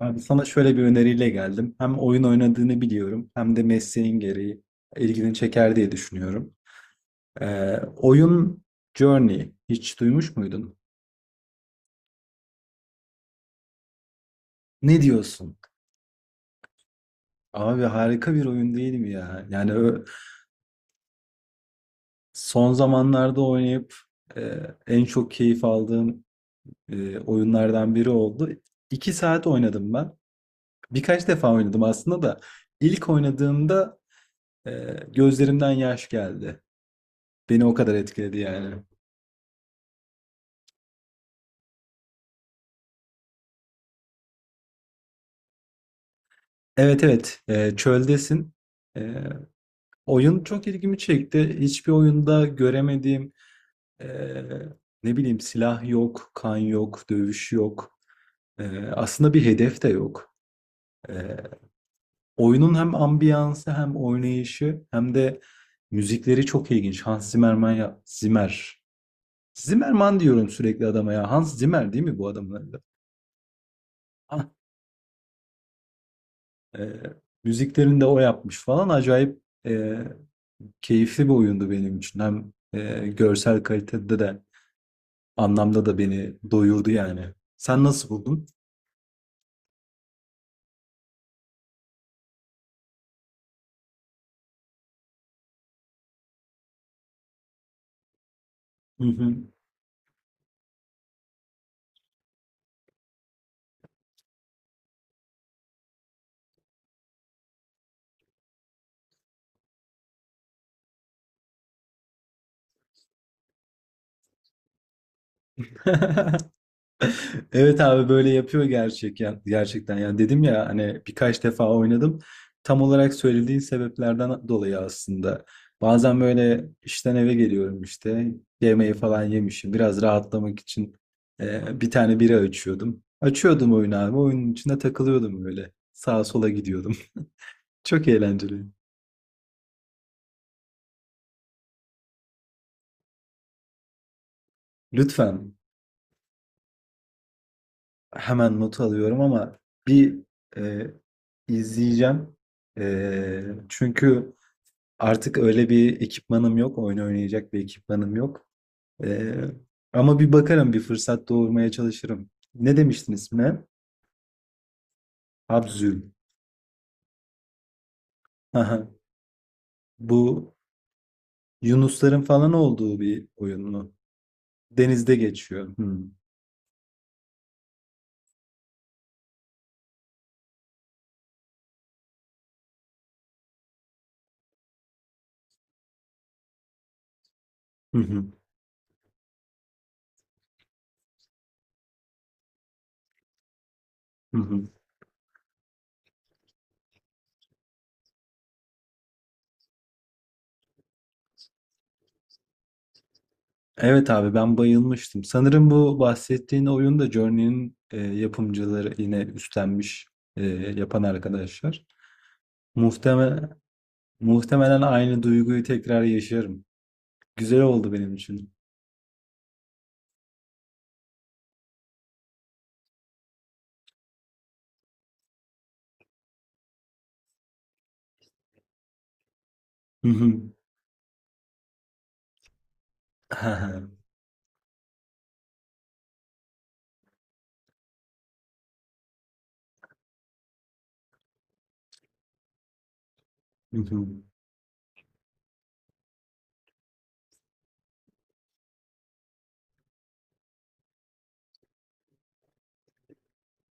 Abi sana şöyle bir öneriyle geldim. Hem oyun oynadığını biliyorum hem de mesleğin gereği ilgini çeker diye düşünüyorum. Oyun Journey hiç duymuş muydun? Ne diyorsun? Abi harika bir oyun değil mi ya? Yani son zamanlarda oynayıp e, en çok keyif aldığım oyunlardan biri oldu. 2 saat oynadım ben. Birkaç defa oynadım aslında da ilk oynadığımda e, gözlerimden yaş geldi. Beni o kadar etkiledi yani. Evet, evet. Çöldesin. Ee, oyun çok ilgimi çekti. Hiçbir oyunda göremediğim ee, ne bileyim, silah yok, kan yok, dövüş yok. Aslında bir hedef de yok. Ee, oyunun hem ambiyansı hem oynayışı hem de müzikleri çok ilginç. Hans Zimmerman ya Zimmer. Zimmerman diyorum sürekli adama ya. Hans Zimmer değil mi bu adamın adı? Ah, ee, müziklerini de o yapmış falan, acayip keyifli bir oyundu benim için. Hem görsel kalitede de anlamda da beni doyurdu yani. Sen nasıl buldun? Hı hı. Evet abi, böyle yapıyor gerçek ya, gerçekten. Yani dedim ya hani, birkaç defa oynadım. Tam olarak söylediğin sebeplerden dolayı aslında. Bazen böyle işten eve geliyorum işte. Yemeği falan yemişim. Biraz rahatlamak için bir tane bira açıyordum. Açıyordum oyunu abi. Oyunun içinde takılıyordum öyle. Sağa sola gidiyordum. Çok eğlenceli. Lütfen, hemen not alıyorum ama bir e, izleyeceğim. Çünkü artık öyle bir ekipmanım yok. Oyun oynayacak bir ekipmanım yok. Ee, ama bir bakarım, bir fırsat doğurmaya çalışırım. Ne demiştin ismine? Habzül. Aha, bu yunusların falan olduğu bir oyun mu? Denizde geçiyor. Hmm. Hı hı, hı hı. Evet abi, ben bayılmıştım. Sanırım bu bahsettiğin oyun da Journey'nin yapımcıları yine üstlenmiş, yapan arkadaşlar. Muhtemelen, muhtemelen aynı duyguyu tekrar yaşarım. Güzel oldu benim için. Hı hı. He he. Hı hı.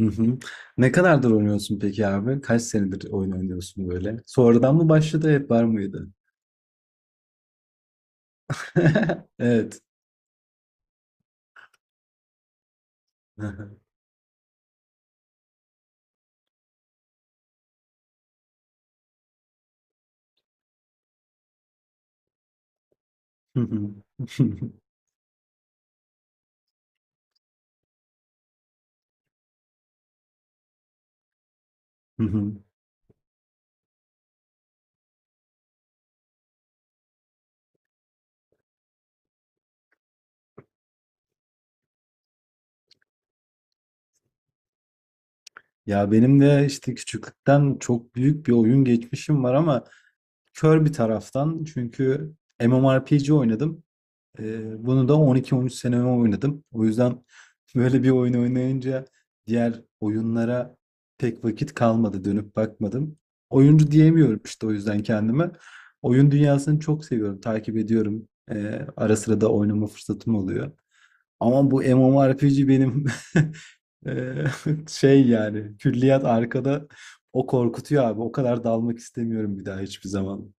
Hı hı. Ne kadardır oynuyorsun peki abi? Kaç senedir oyun oynuyorsun böyle? Sonradan mı başladı, hep var mıydı? Evet. Hı hı. Hı hı. Hı hı. Ya benim de işte küçüklükten çok büyük bir oyun geçmişim var ama kör bir taraftan, çünkü MMORPG oynadım. Bunu da 12-13 seneme oynadım. O yüzden böyle bir oyun oynayınca diğer oyunlara pek vakit kalmadı. Dönüp bakmadım. Oyuncu diyemiyorum işte o yüzden kendime. Oyun dünyasını çok seviyorum. Takip ediyorum. Ara sıra da oynama fırsatım oluyor. Ama bu MMORPG benim, ee, şey yani, külliyat arkada, o korkutuyor abi. O kadar dalmak istemiyorum bir daha hiçbir zaman.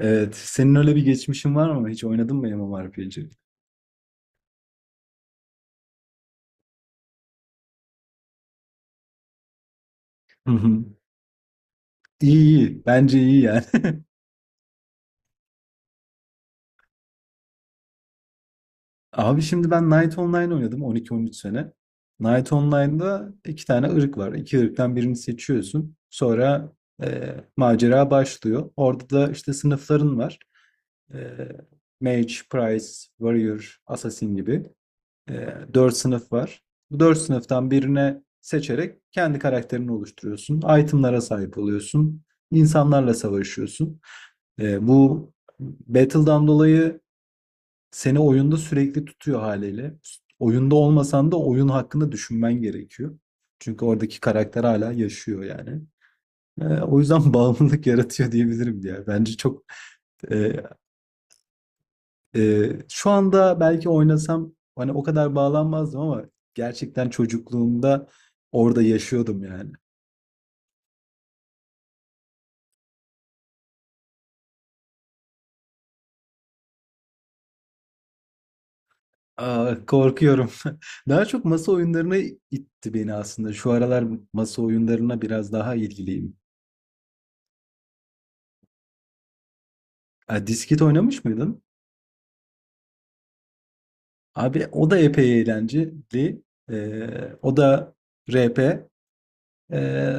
Evet. Senin öyle bir geçmişin var mı? Hiç oynadın mı MMORPG? Hı hı. İyi, iyi. Bence iyi yani. Abi şimdi, ben Knight Online oynadım 12-13 sene. Knight Online'da iki tane ırk var. İki ırktan birini seçiyorsun. Sonra macera başlıyor. Orada da işte sınıfların var. E, Mage, Priest, Warrior, Assassin gibi. Dört sınıf var. Bu dört sınıftan birine seçerek kendi karakterini oluşturuyorsun. Itemlara sahip oluyorsun. İnsanlarla savaşıyorsun. Bu Battle'dan dolayı seni oyunda sürekli tutuyor haliyle. Oyunda olmasan da oyun hakkında düşünmen gerekiyor. Çünkü oradaki karakter hala yaşıyor yani. O yüzden bağımlılık yaratıyor diyebilirim diye. Bence çok e, şu anda belki oynasam hani o kadar bağlanmazdım ama gerçekten çocukluğumda orada yaşıyordum yani. Aa, korkuyorum. Daha çok masa oyunlarına itti beni aslında. Şu aralar masa oyunlarına biraz daha ilgiliyim. Ha, disket oynamış mıydın? Abi o da epey eğlenceli. Ee, o da RP. Ee,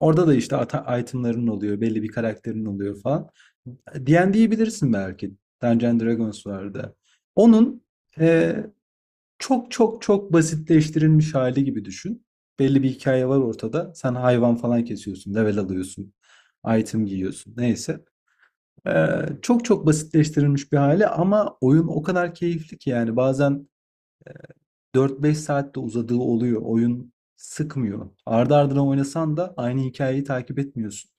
orada da işte itemların oluyor, belli bir karakterin oluyor falan. D&D'yi bilirsin belki. Dungeons and Dragons vardı. Onun e, çok çok çok basitleştirilmiş hali gibi düşün. Belli bir hikaye var ortada. Sen hayvan falan kesiyorsun, level alıyorsun, item giyiyorsun. Neyse. Çok çok basitleştirilmiş bir hali ama oyun o kadar keyifli ki yani bazen 4-5 saatte uzadığı oluyor. Oyun sıkmıyor. Ardı ardına oynasan da aynı hikayeyi takip etmiyorsun.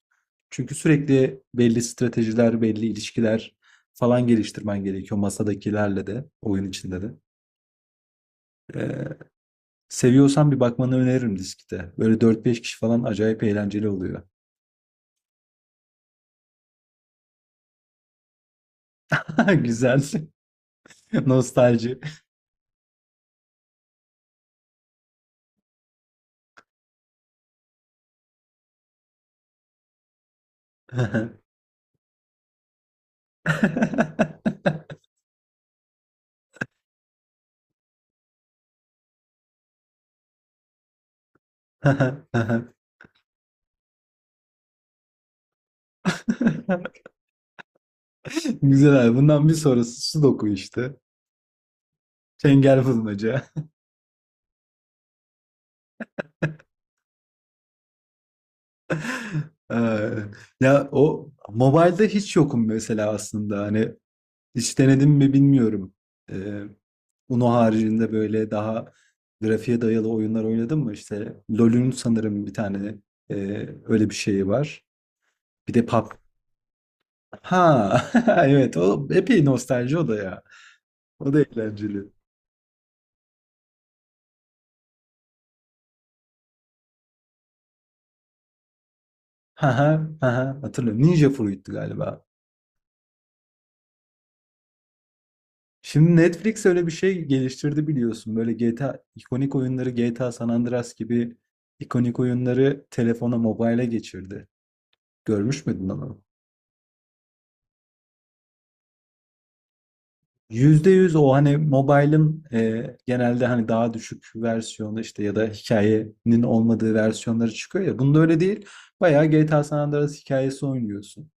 Çünkü sürekli belli stratejiler, belli ilişkiler falan geliştirmen gerekiyor masadakilerle de, oyun içinde de. Ee, seviyorsan bir bakmanı öneririm diskte. Böyle dört beş kişi falan acayip eğlenceli oluyor. Güzel. Nostalji. Güzel abi. Bundan bir sonrası Sudoku işte. Çengel bulmaca. Eee, ya o mobilde hiç yokum mesela aslında. Hani hiç denedim mi bilmiyorum. Eee Uno haricinde böyle daha grafiğe dayalı oyunlar oynadım mı? İşte LoL'ün sanırım bir tane öyle bir şeyi var. Bir de pub. Ha, evet, o epey nostalji o da ya. O da eğlenceli. Ha, ha, ha, hatırlıyorum. Ninja Fruit'tu galiba. Şimdi Netflix öyle bir şey geliştirdi biliyorsun. Böyle GTA, ikonik oyunları, GTA San Andreas gibi ikonik oyunları telefona, mobile'e geçirdi. Görmüş müydün onu? Yüzde yüz o, hani mobile'ın genelde hani daha düşük versiyonu işte ya da hikayenin olmadığı versiyonları çıkıyor ya. Bunda öyle değil. Bayağı GTA San Andreas hikayesi oynuyorsun.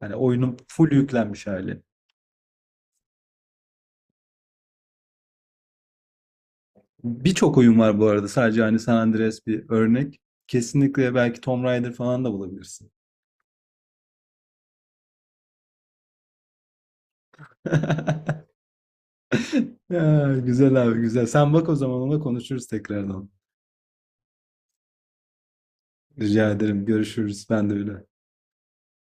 Hani oyunun full yüklenmiş hali. Birçok oyun var bu arada. Sadece hani San Andreas bir örnek. Kesinlikle belki Tomb Raider falan da bulabilirsin. Ya, güzel abi, güzel. Sen bak o zaman, ona konuşuruz tekrardan. Rica ederim. Görüşürüz. Ben de öyle.